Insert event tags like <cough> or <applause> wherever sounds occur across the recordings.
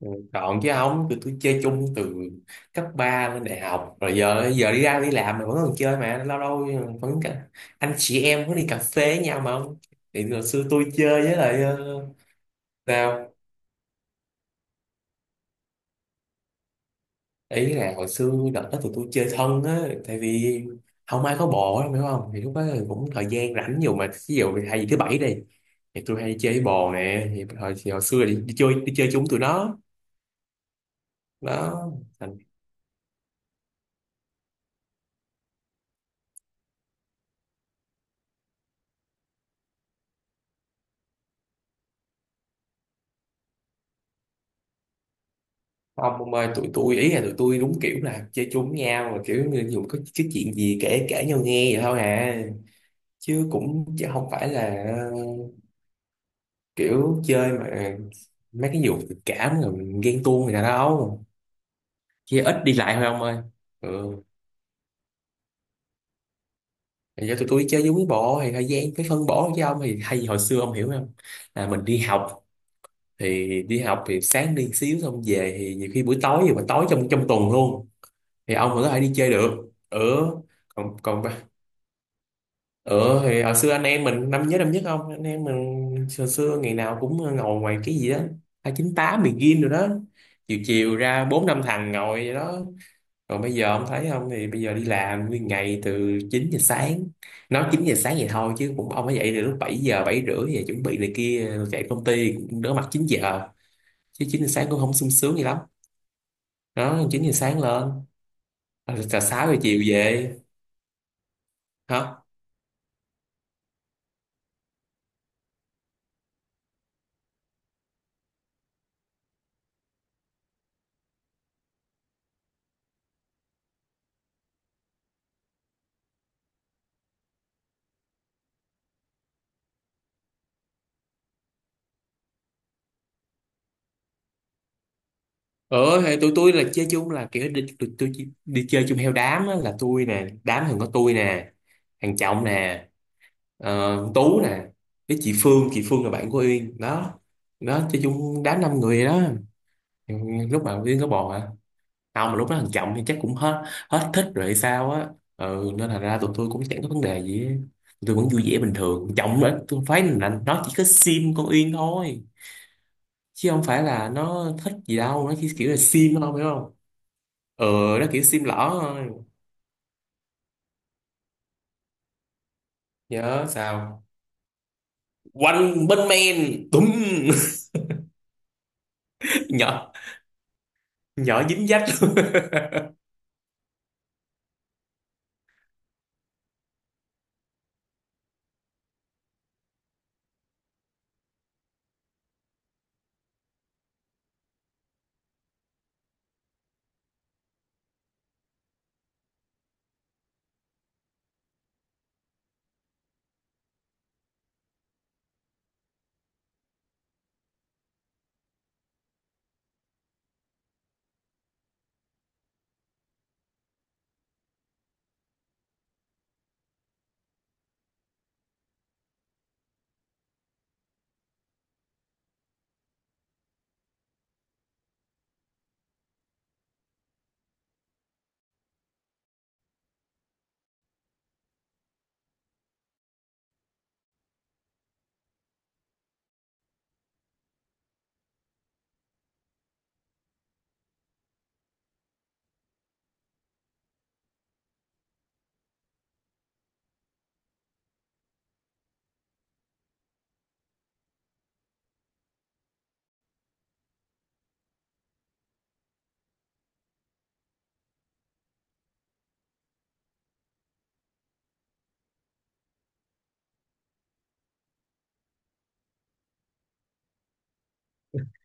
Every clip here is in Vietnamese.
Ừ, còn chứ không, tụi tôi chơi chung từ cấp 3 lên đại học. Rồi giờ giờ đi ra đi làm mà vẫn còn chơi mà. Lâu lâu vẫn cả, anh chị em có đi cà phê với nhau mà không? Thì hồi xưa tôi chơi với lại sao? Ý là hồi xưa đợt đó tụi tôi chơi thân á. Tại vì không ai có bồ á, hiểu không? Thì lúc đó thì cũng thời gian rảnh nhiều mà. Ví dụ hay gì thứ bảy đi, thì tôi hay đi chơi với bồ nè. Thì hồi xưa đi chơi chung tụi nó đó. Thành không ông ơi, tụi tôi ý là tụi tôi đúng kiểu là chơi chung với nhau mà kiểu như dù có cái chuyện gì kể kể nhau nghe vậy thôi à. Chứ không phải là kiểu chơi mà mấy cái vụ tình cảm rồi ghen tuông người ta đâu, chơi ít đi lại thôi ông ơi. Ừ, thì do tụi tôi chơi với quý bộ thì thời gian phải phân bổ. Với ông thì hay hồi xưa ông hiểu không, là mình đi học. Thì đi học thì sáng đi xíu xong về thì nhiều khi buổi tối rồi, mà tối trong trong tuần luôn thì ông vẫn có thể đi chơi được. Ừ, còn còn ừ thì hồi xưa anh em mình năm, nhớ năm nhất không, anh em mình hồi xưa ngày nào cũng ngồi ngoài cái gì đó hai chín tám begin rồi đó. Chiều chiều ra bốn năm thằng ngồi vậy đó. Còn bây giờ ông thấy không, thì bây giờ đi làm nguyên ngày từ 9 giờ sáng. Nói 9 giờ sáng vậy thôi chứ cũng ông phải dậy từ lúc 7 giờ 7 rưỡi về chuẩn bị này kia chạy công ty cũng đỡ mặt 9 giờ, chứ 9 giờ sáng cũng không sung sướng gì lắm. Đó, 9 giờ sáng lên rồi trà 6 giờ chiều về. Hả? Ờ thì tụi tôi là chơi chung là kiểu đi, đi chơi chung theo đám á, là tôi nè, đám thường có tôi nè, thằng Trọng nè, con Tú nè, với chị Phương. Chị Phương là bạn của Uyên đó. Đó, chơi chung đám năm người đó. Ừ, lúc mà Uyên có bò hả? Không, mà lúc đó thằng Trọng thì chắc cũng hết, hết thích rồi hay sao á. Ừ nên là ra tụi tôi cũng chẳng có vấn đề gì á. Tụi tôi vẫn vui vẻ bình thường. Trọng nữa, tôi phải là nó chỉ có sim con Uyên thôi, chứ không phải là nó thích gì đâu, nó chỉ kiểu là sim thôi phải không. Ờ, nó kiểu sim lỏ thôi. Nhớ sao, quanh bên men tùm. <laughs> Nhỏ, nhỏ dính dách. <laughs>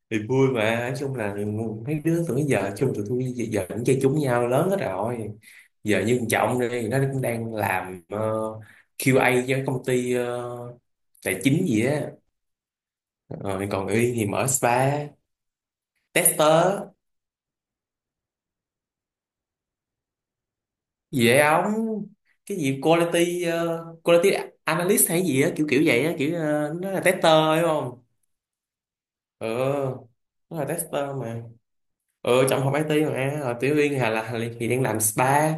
Thì vui mà. Nói chung là mấy đứa tụi nó giờ chung tụi tôi giờ cũng chơi chung với nhau lớn hết rồi. Giờ như thằng Trọng đi, nó cũng đang làm QA cho công ty tài chính gì á. Rồi còn Uyên thì mở spa. Tester, dễ ống, cái gì quality. Ờ, Quality analyst hay gì á, kiểu kiểu vậy á, kiểu nó là tester, đúng không? Ờ, nó là tester mà. Trong học IT mà. Ờ, Tiểu Uyên là thì đang làm spa.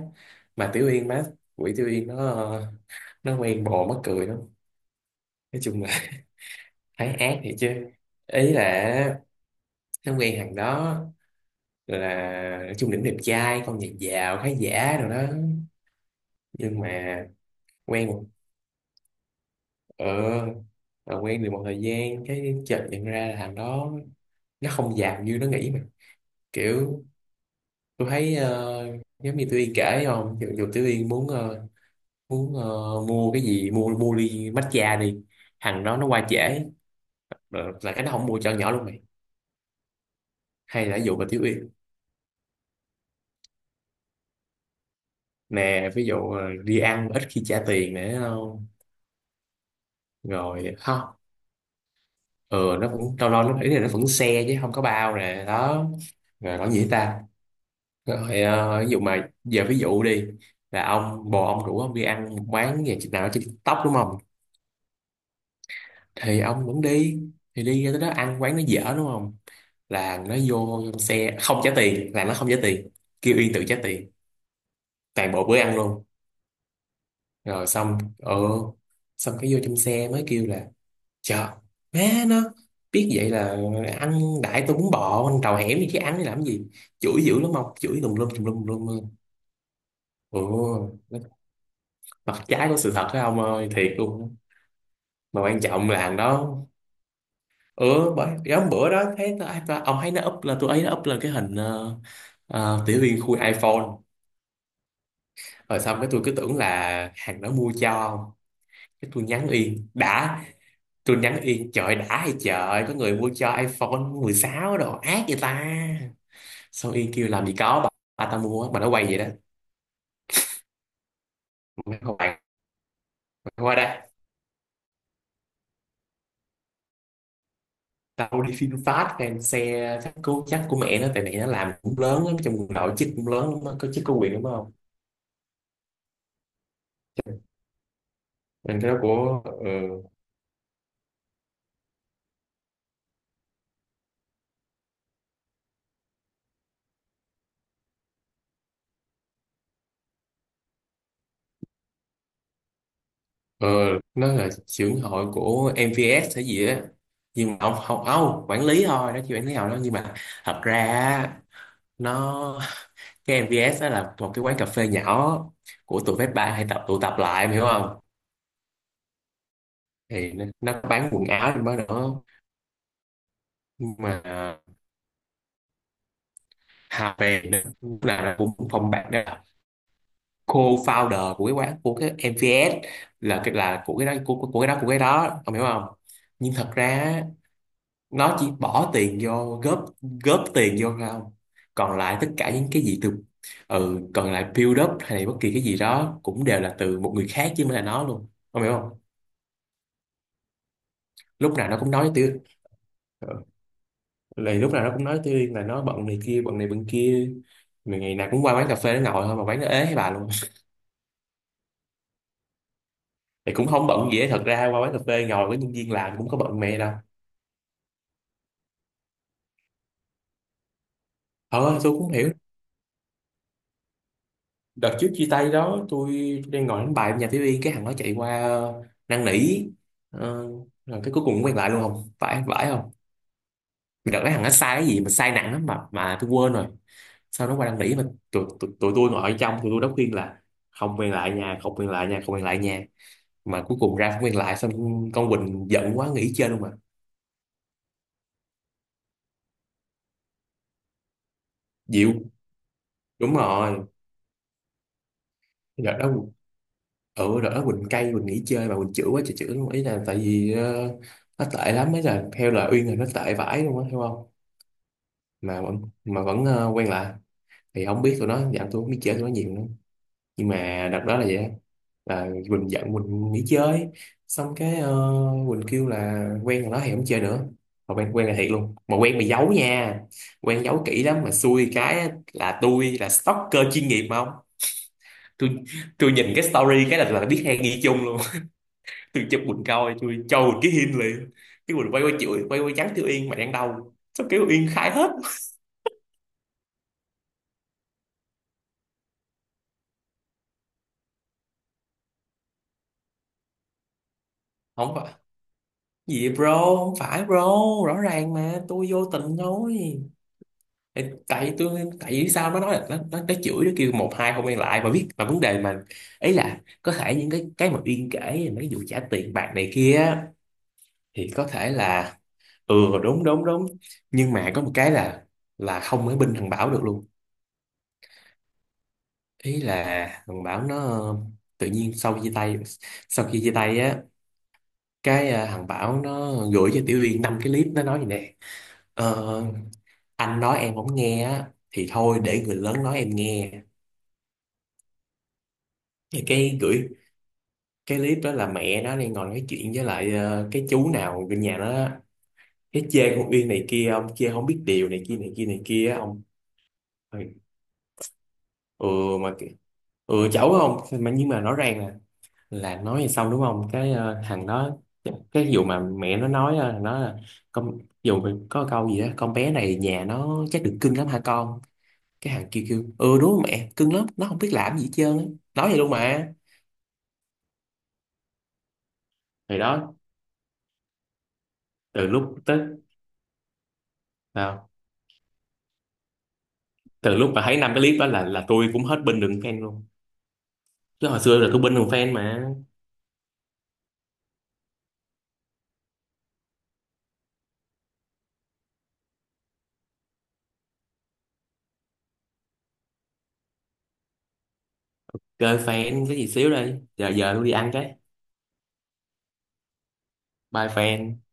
Mà Tiểu Uyên má, quỷ Tiểu Uyên nó nó quen bồ mắc cười lắm. Nói chung là <laughs> thấy ác thiệt chứ. Ý là nó quen thằng đó, là nói chung đỉnh đẹp trai con nhà giàu khá giả rồi đó. Nhưng mà quen một ờ rồi quen được một thời gian cái chợt nhận ra là thằng đó nó không giàu như nó nghĩ mà, kiểu tôi thấy giống như Tiểu Yên kể không, dù Tiểu Yên muốn muốn ờ, mua cái gì, mua mua ly matcha đi, thằng đó nó qua trễ là cái nó không mua cho nhỏ luôn mày. Hay là ví dụ mà Tiểu Yên nè, ví dụ đi ăn ít khi trả tiền nữa không. Rồi không, ừ nó cũng lâu lâu nó nghĩ là nó vẫn xe chứ không có bao nè đó. Rồi còn gì ta, rồi ví dụ mà giờ ví dụ đi, là ông bồ ông rủ ông đi ăn một quán nhà chị nào trên TikTok đúng không. Thì ông vẫn đi, thì đi ra tới đó ăn quán nó dở đúng không, là nó vô trong xe không trả tiền, là nó không trả tiền, kêu Uyên tự trả tiền toàn bộ bữa ăn luôn. Rồi xong xong cái vô trong xe mới kêu là trời má, nó biết vậy là ăn đại, tôi muốn bò ăn trầu hẻm gì chứ ăn để làm gì. Chửi dữ lắm ông, chửi tùm lum tùm lum tùm lum. Ừ, mặt trái của sự thật đó ông ơi, thiệt luôn á. Mà quan trọng là thằng đó. Ừ, bởi cái hôm bữa đó thấy ta, ta, ông thấy nó up là, tôi ấy nó up lên cái hình tiểu liên khui iPhone. Rồi xong cái tôi cứ tưởng là hàng đó mua cho ông. Cái tôi nhắn Yên đã, tôi nhắn Yên trời đã hay trời, có người mua cho iPhone 16 đồ ác vậy ta. Xong Yên kêu làm gì có bà ta mua mà nó quay vậy đó, mày không qua đây. Tao đi phim fast fan xe chắc cố chắc của mẹ nó, tại mẹ nó làm cũng lớn lắm trong quần đội, chức cũng lớn lắm á, có chức có quyền đúng không. Mình cái đó của, ừ. Ờ, nó là trưởng hội của MVS hay gì á, nhưng mà ông không, ông quản lý thôi, nó chỉ quản lý hội đó. Nhưng mà thật ra á, nó <laughs> cái MVS đó là một cái quán cà phê nhỏ của tụi phép ba hay tụ tập lại, em hiểu không. Thì nó bán quần áo trong đó nữa. Nhưng mà Hà về, nó cũng là phòng bạn đó, là co-founder của cái quán của cái MVS. Là cái, là của cái đó, của cái đó của cái đó, ông hiểu không. Nhưng thật ra nó chỉ bỏ tiền vô góp, góp tiền vô thôi không. Còn lại tất cả những cái gì từ, ừ còn lại build up hay bất kỳ cái gì đó cũng đều là từ một người khác chứ không phải là nó luôn không, hiểu không. Lúc nào nó cũng nói tôi. Ừ. Lại lúc nào nó cũng nói tôi là nó bận này kia, bận này bận kia. Mà ngày nào cũng qua quán cà phê nó ngồi thôi, mà quán nó ế hay bà luôn thì cũng không bận gì hết. Thật ra qua quán cà phê ngồi với nhân viên làm cũng có bận mẹ đâu. Ờ tôi cũng không hiểu. Đợt trước chia tay đó, tôi đang ngồi đánh bài ở nhà TV, cái thằng nó chạy qua năn nỉ, ờ, rồi cái cuối cùng cũng quen lại luôn không phải, phải không. Đợt đấy thằng nó sai cái gì mà sai nặng lắm mà tôi quên rồi. Sau nó qua năn nỉ mà, tụi tụi, tụi tôi ngồi ở trong, tụi tôi đã khuyên là không quen lại nhà, không quen lại nhà, không quen lại nhà. Mà cuối cùng ra không quen lại xong con Quỳnh giận quá nghỉ chơi luôn mà. Diệu. Đúng rồi. Đợt đó, ừ rồi đó, Quỳnh cay, Quỳnh nghỉ chơi mà. Quỳnh chữa quá trời chữa luôn. Ý là tại vì nó tệ lắm, ấy là theo lời Uyên là nó tệ vãi luôn á, hiểu không. Mà vẫn, quen lại, thì không biết tụi nó dạo, tôi không biết chơi tụi nó nhiều nữa. Nhưng mà đợt đó là vậy á. Là Quỳnh giận, Quỳnh nghỉ chơi. Xong cái Quỳnh kêu là quen rồi đó thì không chơi nữa. Mà quen, quen là thiệt luôn mà quen bị giấu nha, quen giấu kỹ lắm. Mà xui cái á, là tôi là stalker chuyên nghiệp mà không. Tôi tôi nhìn cái story cái là biết hay nghi chung luôn. Tôi chụp Quỳnh coi, tôi cho Quỳnh cái hin liền. Cái Quỳnh quay qua chửi, quay qua trắng Tiêu Yên mày đang đâu sao, kiểu Yên khai hết. Không phải gì bro, không phải bro, rõ ràng mà tôi vô tình thôi. Tại tại tôi Tại vì sao nó nói là nó chửi, nó kêu một hai không quen lại mà biết mà. Vấn đề mà ấy là có thể những cái mà Yên kể là mấy vụ trả tiền bạc này kia á, thì có thể là, ừ đúng đúng đúng. Nhưng mà có một cái là không ở bên thằng Bảo được luôn. Ý là thằng Bảo nó tự nhiên sau khi chia tay, sau khi chia tay á cái thằng Bảo nó gửi cho Tiểu Uyên năm cái clip. Nó nói gì nè, ờ, anh nói em không nghe á thì thôi để người lớn nói em nghe. Thì cái gửi cái clip đó là mẹ nó đang ngồi nói chuyện với lại cái chú nào gần nhà nó á. Cái chê con Uyên này kia, ông kia không biết điều này kia này kia này kia á, ông. Ừ. Ừ mà kì- ừ cháu không. Mà nhưng mà rõ ràng nè, là nói thì xong đúng không, cái thằng đó, cái vụ mà mẹ nó nói thằng đó là con, dù mà có câu gì đó con bé này nhà nó chắc được cưng lắm hả con. Cái thằng kia kêu ừ đúng rồi mẹ, cưng lắm nó không biết làm gì hết trơn á. Nói vậy luôn mà. Thì đó, từ lúc tới nào, từ lúc mà thấy năm cái clip đó là tôi cũng hết binh đường fan luôn. Chứ hồi xưa là tôi binh đường fan mà. Chơi fan cái gì xíu đây, giờ giờ tôi đi ăn cái. Bye fan.